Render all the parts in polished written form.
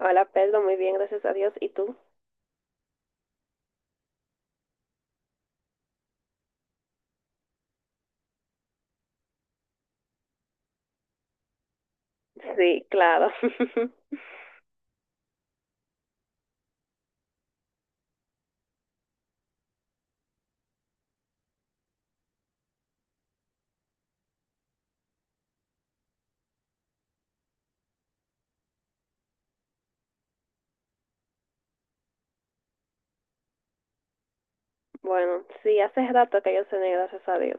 Hola Pedro, muy bien, gracias a Dios. ¿Y tú? Sí, claro. Bueno, sí, hace rato que yo cené, gracias a Dios.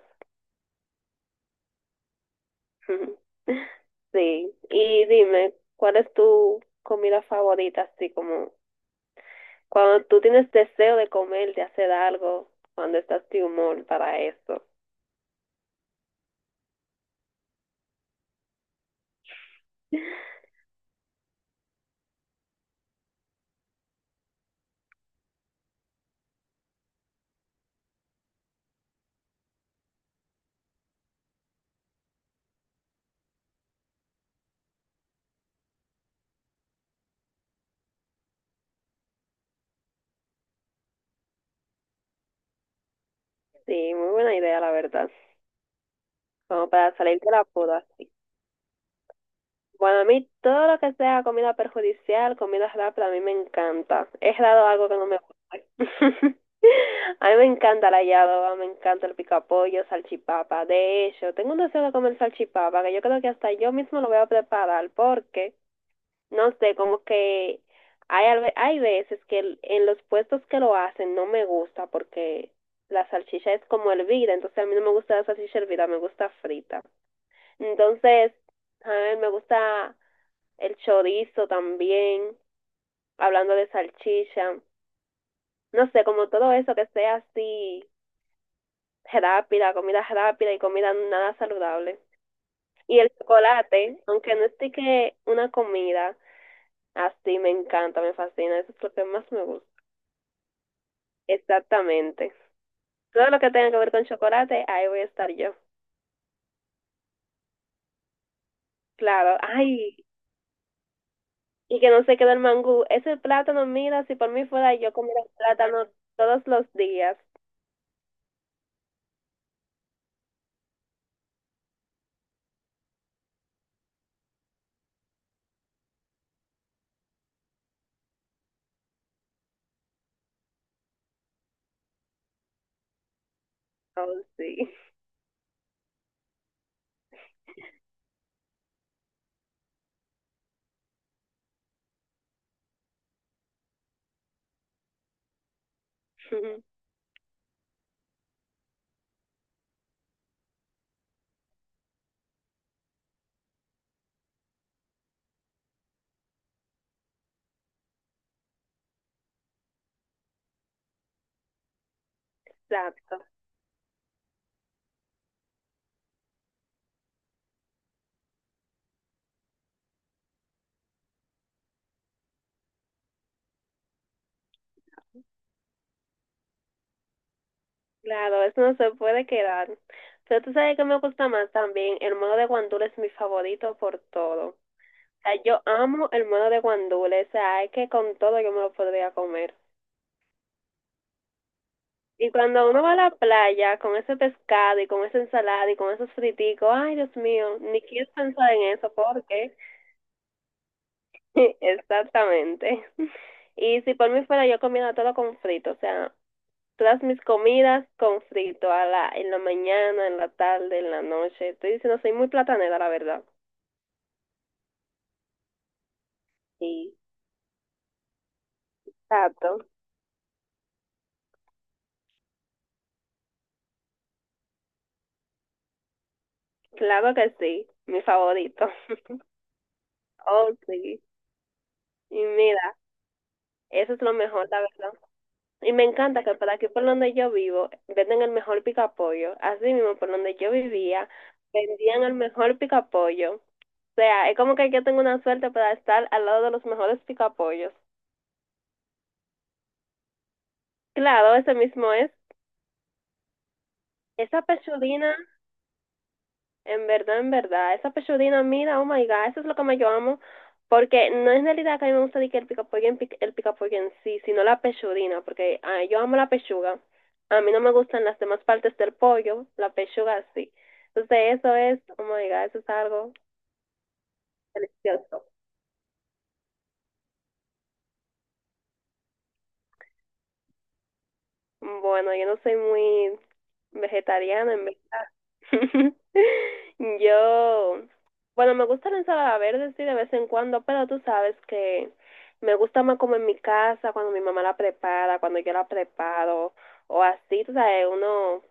Sí, y dime, ¿cuál es tu comida favorita? Así como cuando tú tienes deseo de comer, de hacer algo, cuando estás de humor para eso. Sí, muy buena idea, la verdad. Como para salir de la poda. Bueno, a mí todo lo que sea comida perjudicial, comida rápida, a mí me encanta. Es raro algo que no me gusta. A mí me encanta la yadoba, me encanta el picapollo, salchipapa. De hecho, tengo un deseo de comer salchipapa que yo creo que hasta yo mismo lo voy a preparar porque no sé, como que hay veces que en los puestos que lo hacen no me gusta porque la salchicha es como hervida, entonces a mí no me gusta la salchicha hervida, me gusta frita. Entonces, a mí me gusta el chorizo también, hablando de salchicha, no sé, como todo eso que sea así rápida, comida rápida y comida nada saludable. Y el chocolate, aunque no esté que una comida, así me encanta, me fascina, eso es lo que más me gusta. Exactamente. Todo lo que tenga que ver con chocolate, ahí voy a estar yo. Claro, ay, y que no se quede el mangú. Ese plátano, mira, si por mí fuera yo comiera plátano todos los días. Oh, sí. Exacto. Claro, eso no se puede quedar. Pero tú sabes que me gusta más también. El modo de guandula es mi favorito por todo. O sea, yo amo el modo de guandula. O sea, es que con todo yo me lo podría comer. Y cuando uno va a la playa con ese pescado y con esa ensalada y con esos friticos, ay, Dios mío, ni quiero pensar en eso porque exactamente. Y si por mí fuera yo comiera todo con frito, o sea, todas mis comidas con frito en la mañana, en la tarde, en la noche. Estoy diciendo, soy muy platanera, la verdad. Sí, exacto. Claro que sí, mi favorito. Oh, sí. Y mira, eso es lo mejor, la verdad. Y me encanta que por aquí, por donde yo vivo, venden el mejor picapollo. Así mismo, por donde yo vivía, vendían el mejor picapollo. O sea, es como que yo tengo una suerte para estar al lado de los mejores picapollos. Claro, ese mismo es. Esa pechudina. En verdad, esa pechudina, mira, oh my god, eso es lo que me yo amo, porque no es en realidad que a mí me gusta de que el picapollo el picapollo en sí, sino la pechudina, porque ah, yo amo la pechuga, a mí no me gustan las demás partes del pollo, la pechuga sí, entonces eso es, oh my god, eso es algo delicioso. Bueno, yo no soy muy vegetariana en verdad. Yo, bueno, me gusta la ensalada verde, sí, de vez en cuando, pero tú sabes que me gusta más como en mi casa, cuando mi mamá la prepara, cuando yo la preparo, o así, tú sabes, uno,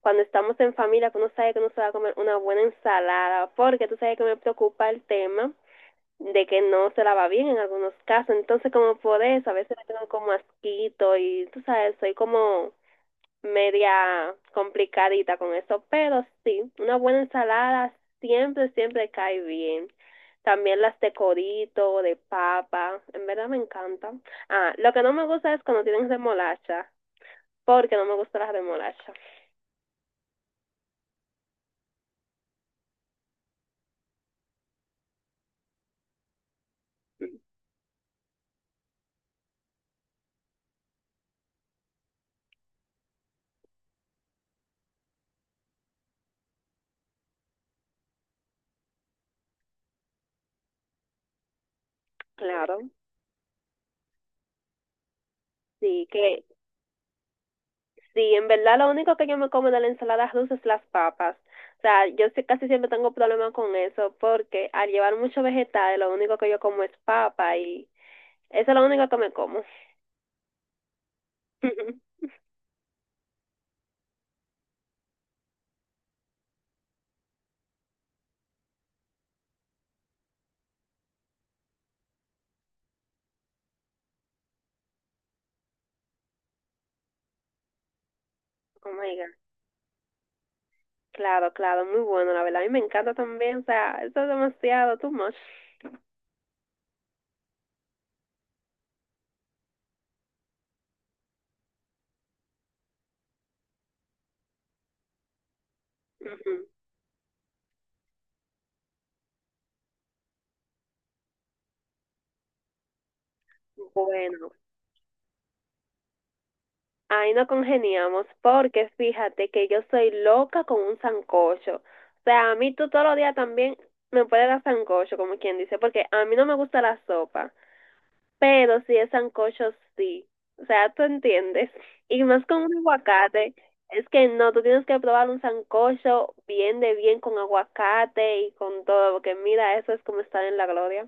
cuando estamos en familia, que uno sabe que uno se va a comer una buena ensalada, porque tú sabes que me preocupa el tema de que no se la va bien en algunos casos, entonces como por eso, a veces le tengo como asquito y tú sabes, soy como media complicadita con eso, pero sí, una buena ensalada siempre cae bien. También las de corito, de papa, en verdad me encanta. Ah, lo que no me gusta es cuando tienen remolacha, porque no me gusta la remolacha. Claro, sí, que sí, en verdad lo único que yo me como de la ensalada rusa es las papas. O sea, casi siempre tengo problemas con eso, porque al llevar mucho vegetal, lo único que yo como es papa y eso es lo único que me como. Oh my God. Claro, claro, muy bueno, la verdad. A mí me encanta también, o sea, eso es demasiado, too much. Ujú. Bueno, ahí no congeniamos, porque fíjate que yo soy loca con un sancocho. O sea, a mí tú todos los días también me puedes dar sancocho, como quien dice, porque a mí no me gusta la sopa, pero si es sancocho, sí. O sea, tú entiendes. Y más con un aguacate, es que no, tú tienes que probar un sancocho bien de bien con aguacate y con todo, porque mira, eso es como estar en la gloria.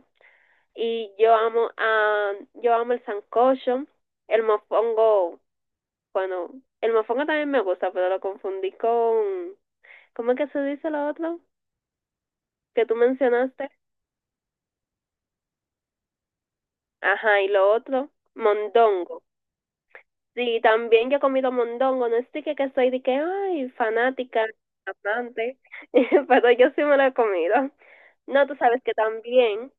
Y yo amo, ah, yo amo el sancocho, el mofongo, bueno, el mofongo también me gusta, pero lo confundí con, ¿cómo es que se dice lo otro? Que tú mencionaste. Ajá, y lo otro, mondongo. Sí, también yo he comido mondongo, no es de que soy de que, ay, fanática, amante, pero yo sí me lo he comido. No, tú sabes que también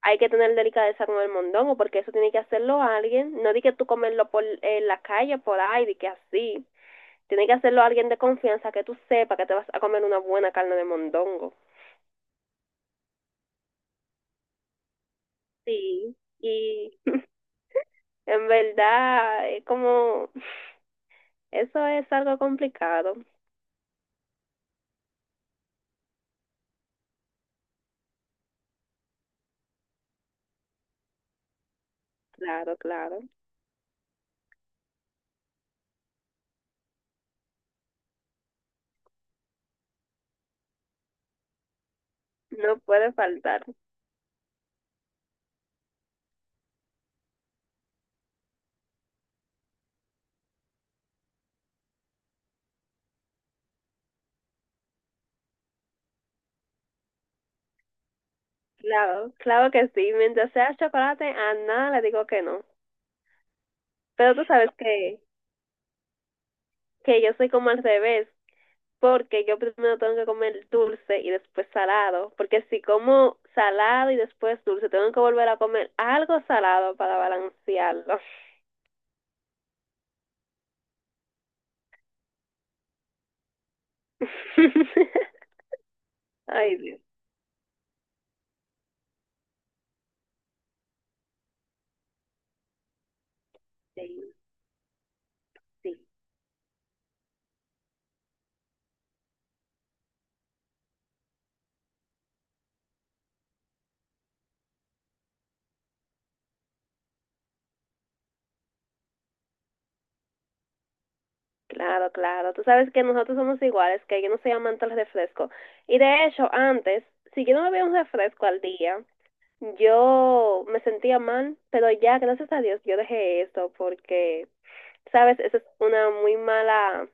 hay que tener delicadeza con el mondongo, porque eso tiene que hacerlo alguien, no di que tú comerlo por en la calle, por ahí, de que así. Tiene que hacerlo alguien de confianza que tú sepas que te vas a comer una buena carne de mondongo. Sí, y en verdad es como, eso es algo complicado, claro, claro, no puede faltar. Claro, claro que sí. Mientras sea chocolate, a nada le digo que no. Pero tú sabes que yo soy como al revés, porque yo primero tengo que comer dulce y después salado, porque si como salado y después dulce, tengo que volver a comer algo salado para balancearlo. Ay, Dios. Sí, sí. Claro, claro. Tú sabes que nosotros somos iguales, que yo no soy amante del refresco. Y de hecho, antes, si yo no bebía un refresco al día, yo me sentía mal, pero ya, gracias a Dios, yo dejé eso porque, sabes, eso es una muy mala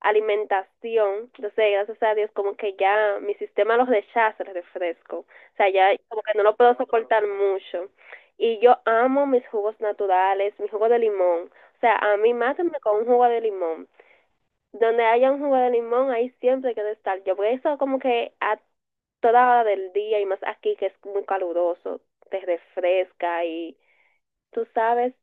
alimentación. Entonces, gracias a Dios, como que ya mi sistema los rechaza el refresco. O sea, ya como que no lo puedo soportar mucho. Y yo amo mis jugos naturales, mi jugo de limón. O sea, a mí mátenme con un jugo de limón. Donde haya un jugo de limón, ahí siempre quiero estar. Yo por eso como que a toda hora del día y más aquí que es muy caluroso, te refresca y tú sabes,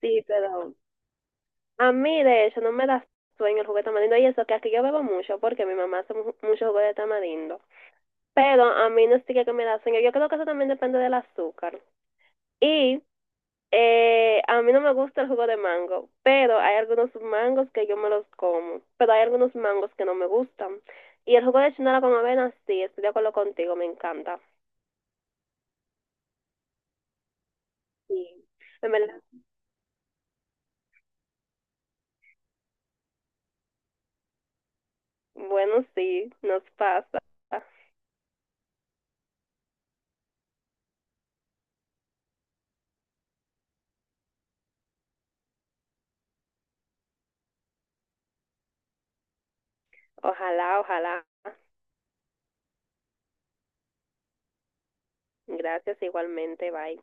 sí, pero a mí de hecho no me da sueño el jugo de tamarindo y eso que aquí yo bebo mucho porque mi mamá hace mucho jugo de tamarindo, pero a mí no sí que me da sueño, yo creo que eso también depende del azúcar y a mí no me gusta el jugo de mango, pero hay algunos mangos que yo me los como, pero hay algunos mangos que no me gustan. Y el jugo de chinola con avena, sí, estoy de acuerdo contigo, me encanta. Sí, en verdad. Bueno, sí, nos pasa. Ojalá, ojalá. Gracias igualmente, bye.